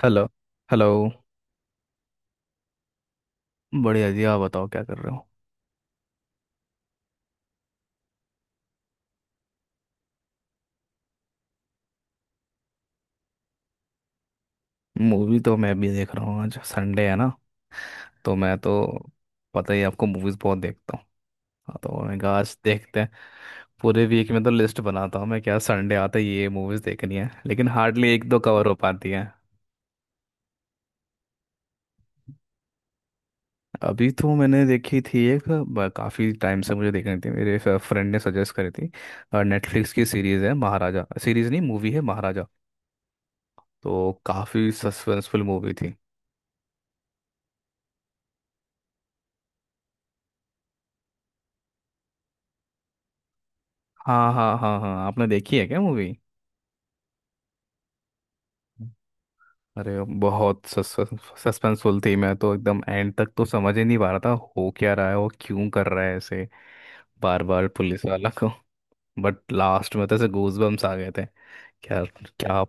Hello. Hello. बढ़िया जी। आप बताओ क्या कर रहे हो। मूवी तो मैं भी देख रहा हूँ। आज संडे है ना। तो मैं तो पता ही है आपको, मूवीज बहुत देखता हूँ। हाँ, तो मैंने कहा आज देखते हैं। पूरे वीक में तो लिस्ट बनाता हूँ मैं, क्या संडे आता है ये मूवीज देखनी है, लेकिन हार्डली एक दो कवर हो पाती है। अभी तो मैंने देखी थी एक काफी टाइम से मुझे देखनी थी, मेरे फ्रेंड ने सजेस्ट करी थी। नेटफ्लिक्स की सीरीज है महाराजा। सीरीज नहीं, मूवी है महाराजा। तो काफी सस्पेंसफुल मूवी थी। हाँ, हाँ, हाँ, हाँ। आपने देखी है क्या मूवी। अरे। बहुत सस्पेंसफुल थी। मैं तो एकदम एंड तक तो समझ ही नहीं पा रहा था। हो क्या रहा है, वो क्यों कर रहा है ऐसे। बार बार पुलिस वाला को। बट लास्ट में तो ऐसे गूजबम्स आ गए थे। क्या। क्या।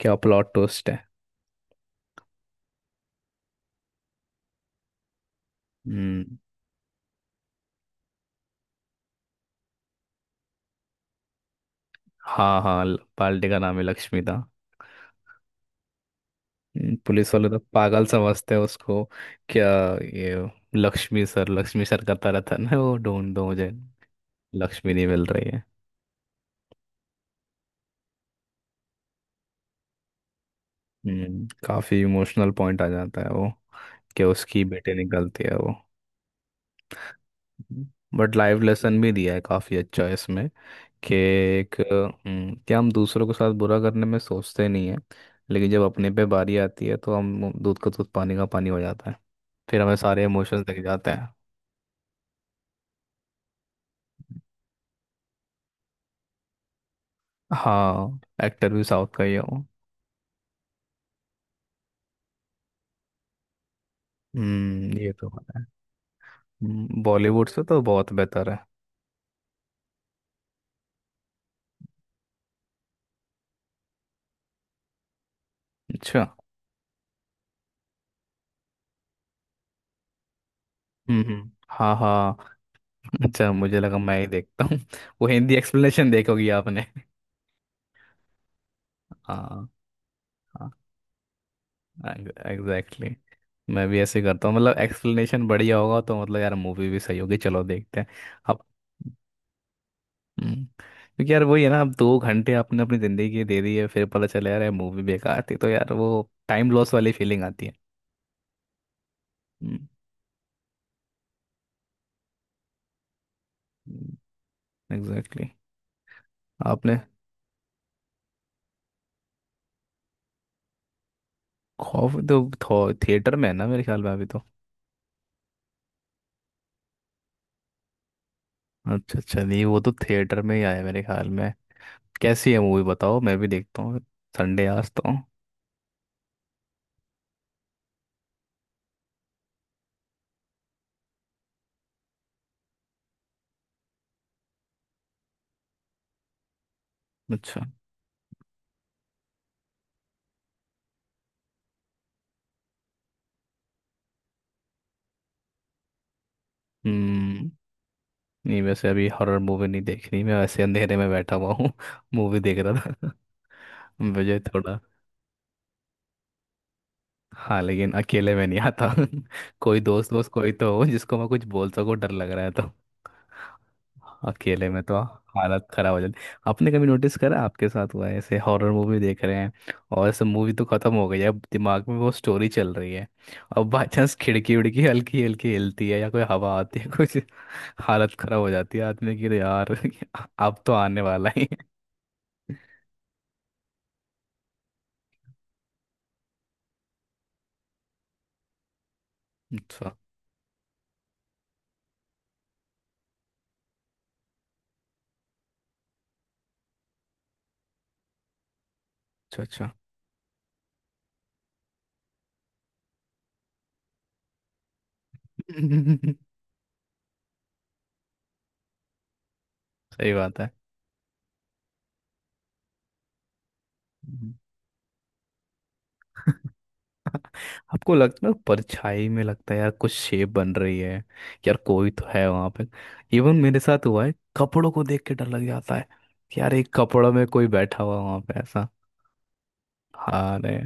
क्या प्लॉट ट्विस्ट है। हम्म। हाँ, हाँ, पार्टी का नाम है लक्ष्मी था। पुलिस वाले तो पागल समझते हैं उसको। क्या। ये लक्ष्मी सर करता रहता है ना, वो ढूंढ दो मुझे। लक्ष्मी नहीं मिल रही है। काफी इमोशनल पॉइंट आ जाता है वो। कि उसकी बेटे निकलती है वो। बट लाइफ लेसन भी दिया है काफी अच्छा इसमें। कि एक। कि हम दूसरों के साथ बुरा करने में सोचते नहीं है। लेकिन जब अपने पे बारी आती है तो हम दूध का दूध पानी का पानी हो जाता है। फिर हमें सारे इमोशंस दिख जाते हैं। हाँ, एक्टर भी साउथ का ही है वो। हम्म। ये तो है। बॉलीवुड से तो बहुत बेहतर है। अच्छा। हम्म, हाँ, हाँ। अच्छा, मुझे लगा मैं ही देखता हूँ वो हिंदी एक्सप्लेनेशन। देखोगी आपने। हाँ, हाँ, एग्जैक्टली exactly. मैं भी ऐसे करता हूँ। मतलब एक्सप्लेनेशन बढ़िया होगा तो मतलब यार मूवी भी सही होगी। चलो देखते हैं। अब। क्योंकि यार वही है ना, अब 2 घंटे आपने अपनी जिंदगी की दे दी है, फिर पता चला यार मूवी बेकार थी, तो यार वो टाइम लॉस वाली फीलिंग आती है। Exactly exactly. आपने। खौफ तो थिएटर में है ना मेरे ख्याल में, अभी तो। अच्छा, अच्छा। नहीं वो तो थिएटर में ही आया मेरे ख्याल में। कैसी है मूवी बताओ, मैं भी देखता हूँ। संडे आज तो। अच्छा। हम्म। नहीं वैसे अभी हॉरर मूवी नहीं देख रही, मैं वैसे अंधेरे में बैठा हुआ हूँ मूवी देख रहा था। मुझे थोड़ा। हाँ, लेकिन अकेले में नहीं आता। कोई दोस्त वोस्त कोई तो हो, जिसको मैं कुछ बोल सकूँ डर लग रहा है तो। अकेले में तो। हालत खराब हो जाती। आपने कभी नोटिस करा आपके साथ हुआ है ऐसे, हॉरर मूवी देख रहे हैं। और ऐसे मूवी तो खत्म हो गई है, अब दिमाग में वो स्टोरी चल रही है। अब बाई चांस खिड़की उड़की हल्की हल्की हिलती है या कोई हवा आती है कुछ। हालत खराब हो जाती है आदमी की। अरे यार अब तो आने वाला ही अच्छा, अच्छा, अच्छा। सही बात है। आपको लगता है परछाई में, लगता है यार कुछ शेप बन रही है। यार कोई तो है वहां पे। इवन मेरे साथ हुआ है कपड़ों को देख के डर लग जाता है। कि यार एक कपड़ों में कोई बैठा हुआ वहां पे ऐसा। हाँ रे।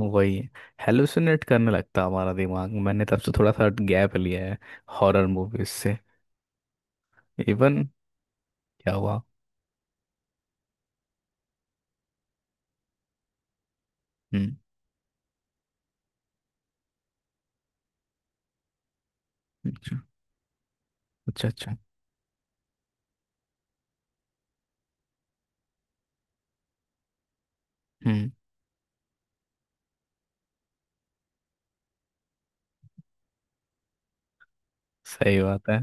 वही है। हेलुसिनेट करने लगता है हमारा दिमाग। मैंने तब से थोड़ा सा गैप लिया है। हॉरर मूवीज से। इवन। क्या हुआ। हम्म। अच्छा, अच्छा, अच्छा। हम्म। सही बात है।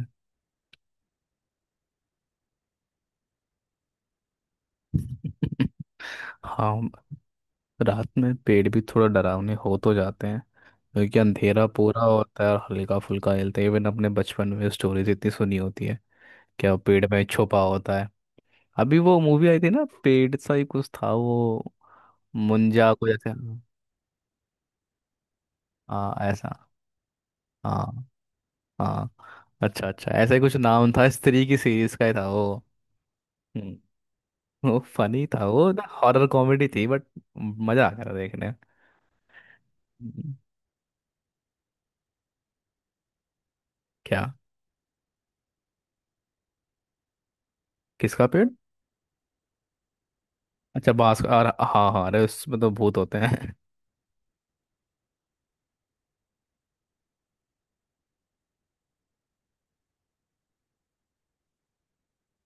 हाँ। रात में पेड़ भी थोड़ा डरावने हो तो जाते हैं। क्योंकि अंधेरा पूरा होता है और हल्का फुल्का हिलता है, इवन अपने बचपन में स्टोरीज इतनी सुनी होती है। क्या वो पेड़ में छुपा होता है। अभी वो मूवी आई थी ना पेड़ सा ही कुछ था वो। मुंजा को जैसे। हाँ, ऐसा। हाँ। हाँ अच्छा, अच्छा। ऐसा ही कुछ नाम था, स्त्री की सीरीज का ही था वो। हम्म। वो फनी था वो। हॉरर कॉमेडी थी बट मजा आ गया था देखने। हम्म। क्या। किसका पेड़। अच्छा, और हाँ, हाँ, अरे उसमें तो भूत होते हैं।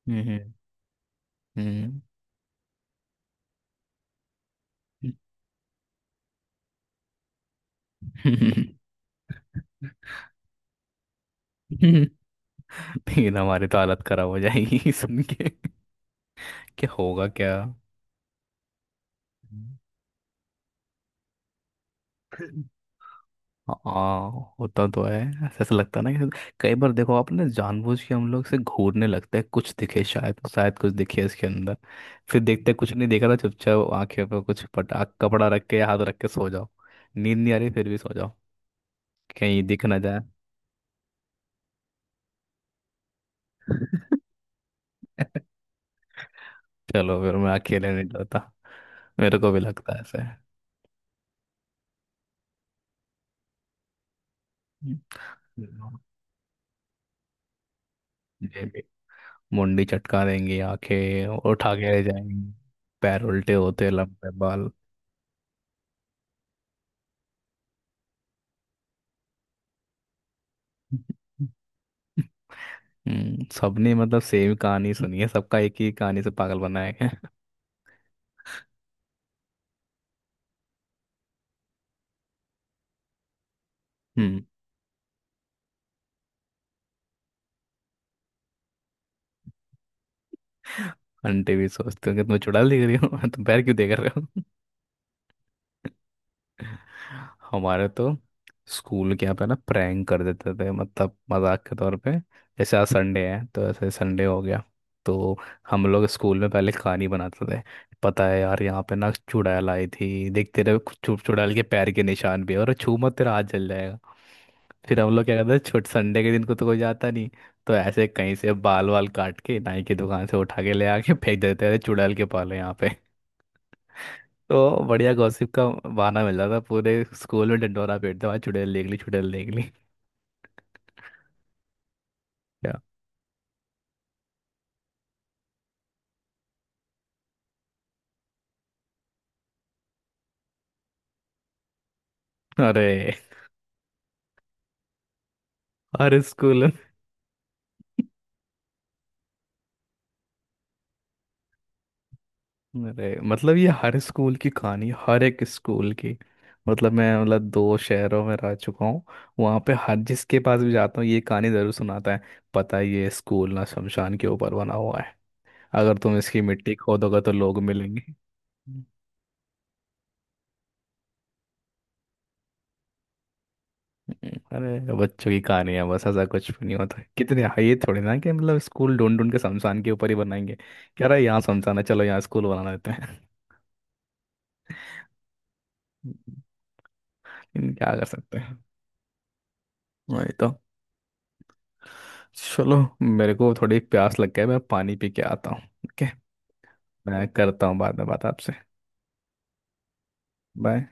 हम्म। हम्म। हम्म। लेकिन हमारी तो हालत खराब हो जाएगी सुन के। क्या होगा क्या। हम्म। हाँ, होता तो है। ऐसा ऐसा लगता है ना कि, कई बार देखो आपने जानबूझ के हम लोग से घूरने लगते हैं, कुछ दिखे शायद, शायद कुछ दिखे इसके अंदर। फिर देखते कुछ नहीं देखा ना, चुपचाप आंखें पर कुछ पटा कपड़ा रख के हाथ रख के सो जाओ। नींद नहीं आ रही फिर भी सो जाओ। कहीं दिख ना जाए। चलो फिर मैं अकेले नहीं डरता। मेरे को भी लगता है ऐसे। हम्म। ये भी। मुंडी चटका देंगी, आंखें उठा के ले जाएंगी। पैर उल्टे होते, लंबे बाल। सबने मतलब सेम कहानी सुनी है, सबका एक ही कहानी से पागल बनाया गया है। हम्म। आंटी भी सोचते हो कि तुम्हें चुड़ैल दिख रही हो तुम पैर क्यों देख रहे हो। हमारे तो स्कूल के यहाँ पे ना प्रैंक कर देते थे, मतलब मजाक के तौर पे। जैसे आज संडे है तो ऐसे संडे हो गया। तो हम लोग स्कूल में पहले कहानी बनाते थे। पता है यार यहाँ पे ना चुड़ैल आई थी, देख तेरे चुड़ैल के पैर के निशान भी है, और छू मत तेरा हाथ जल जाएगा। फिर हम लोग क्या करते थे, छोट संडे के दिन को तो कोई जाता नहीं। तो ऐसे कहीं से बाल वाल काट के नाई की दुकान से उठा के ले आके फेंक देते थे चुड़ैल के पाले यहाँ। तो बढ़िया गॉसिप का बहाना मिल रहा था, पूरे स्कूल में ढिंढोरा पीटते भाई चुड़ैल देख ली, चुड़ैल देख ली। क्या। अरे। हर स्कूल। अरे मतलब ये हर स्कूल की कहानी, हर एक स्कूल की। मतलब मैं मतलब दो शहरों में रह चुका हूँ। वहाँ पे हर जिसके पास भी जाता हूँ ये कहानी ज़रूर सुनाता है। पता है ये स्कूल ना शमशान के ऊपर बना हुआ है। अगर तुम इसकी मिट्टी खोदोगे तो लोग मिलेंगे। अरे बच्चों की कहानियां बस, ऐसा कुछ भी नहीं होता, कितने हाँ, ये थोड़ी ना कि मतलब स्कूल ढूंढ ढूंढ के शमशान के ऊपर ही बनाएंगे। कह रहा है यहाँ शमशान है चलो यहाँ स्कूल बना देते हैं लेकिन। क्या कर सकते हैं। वही तो। चलो। मेरे को थोड़ी प्यास लग गई, मैं पानी पी के आता हूँ, ओके। मैं करता हूँ बाद में बात आपसे। बाय।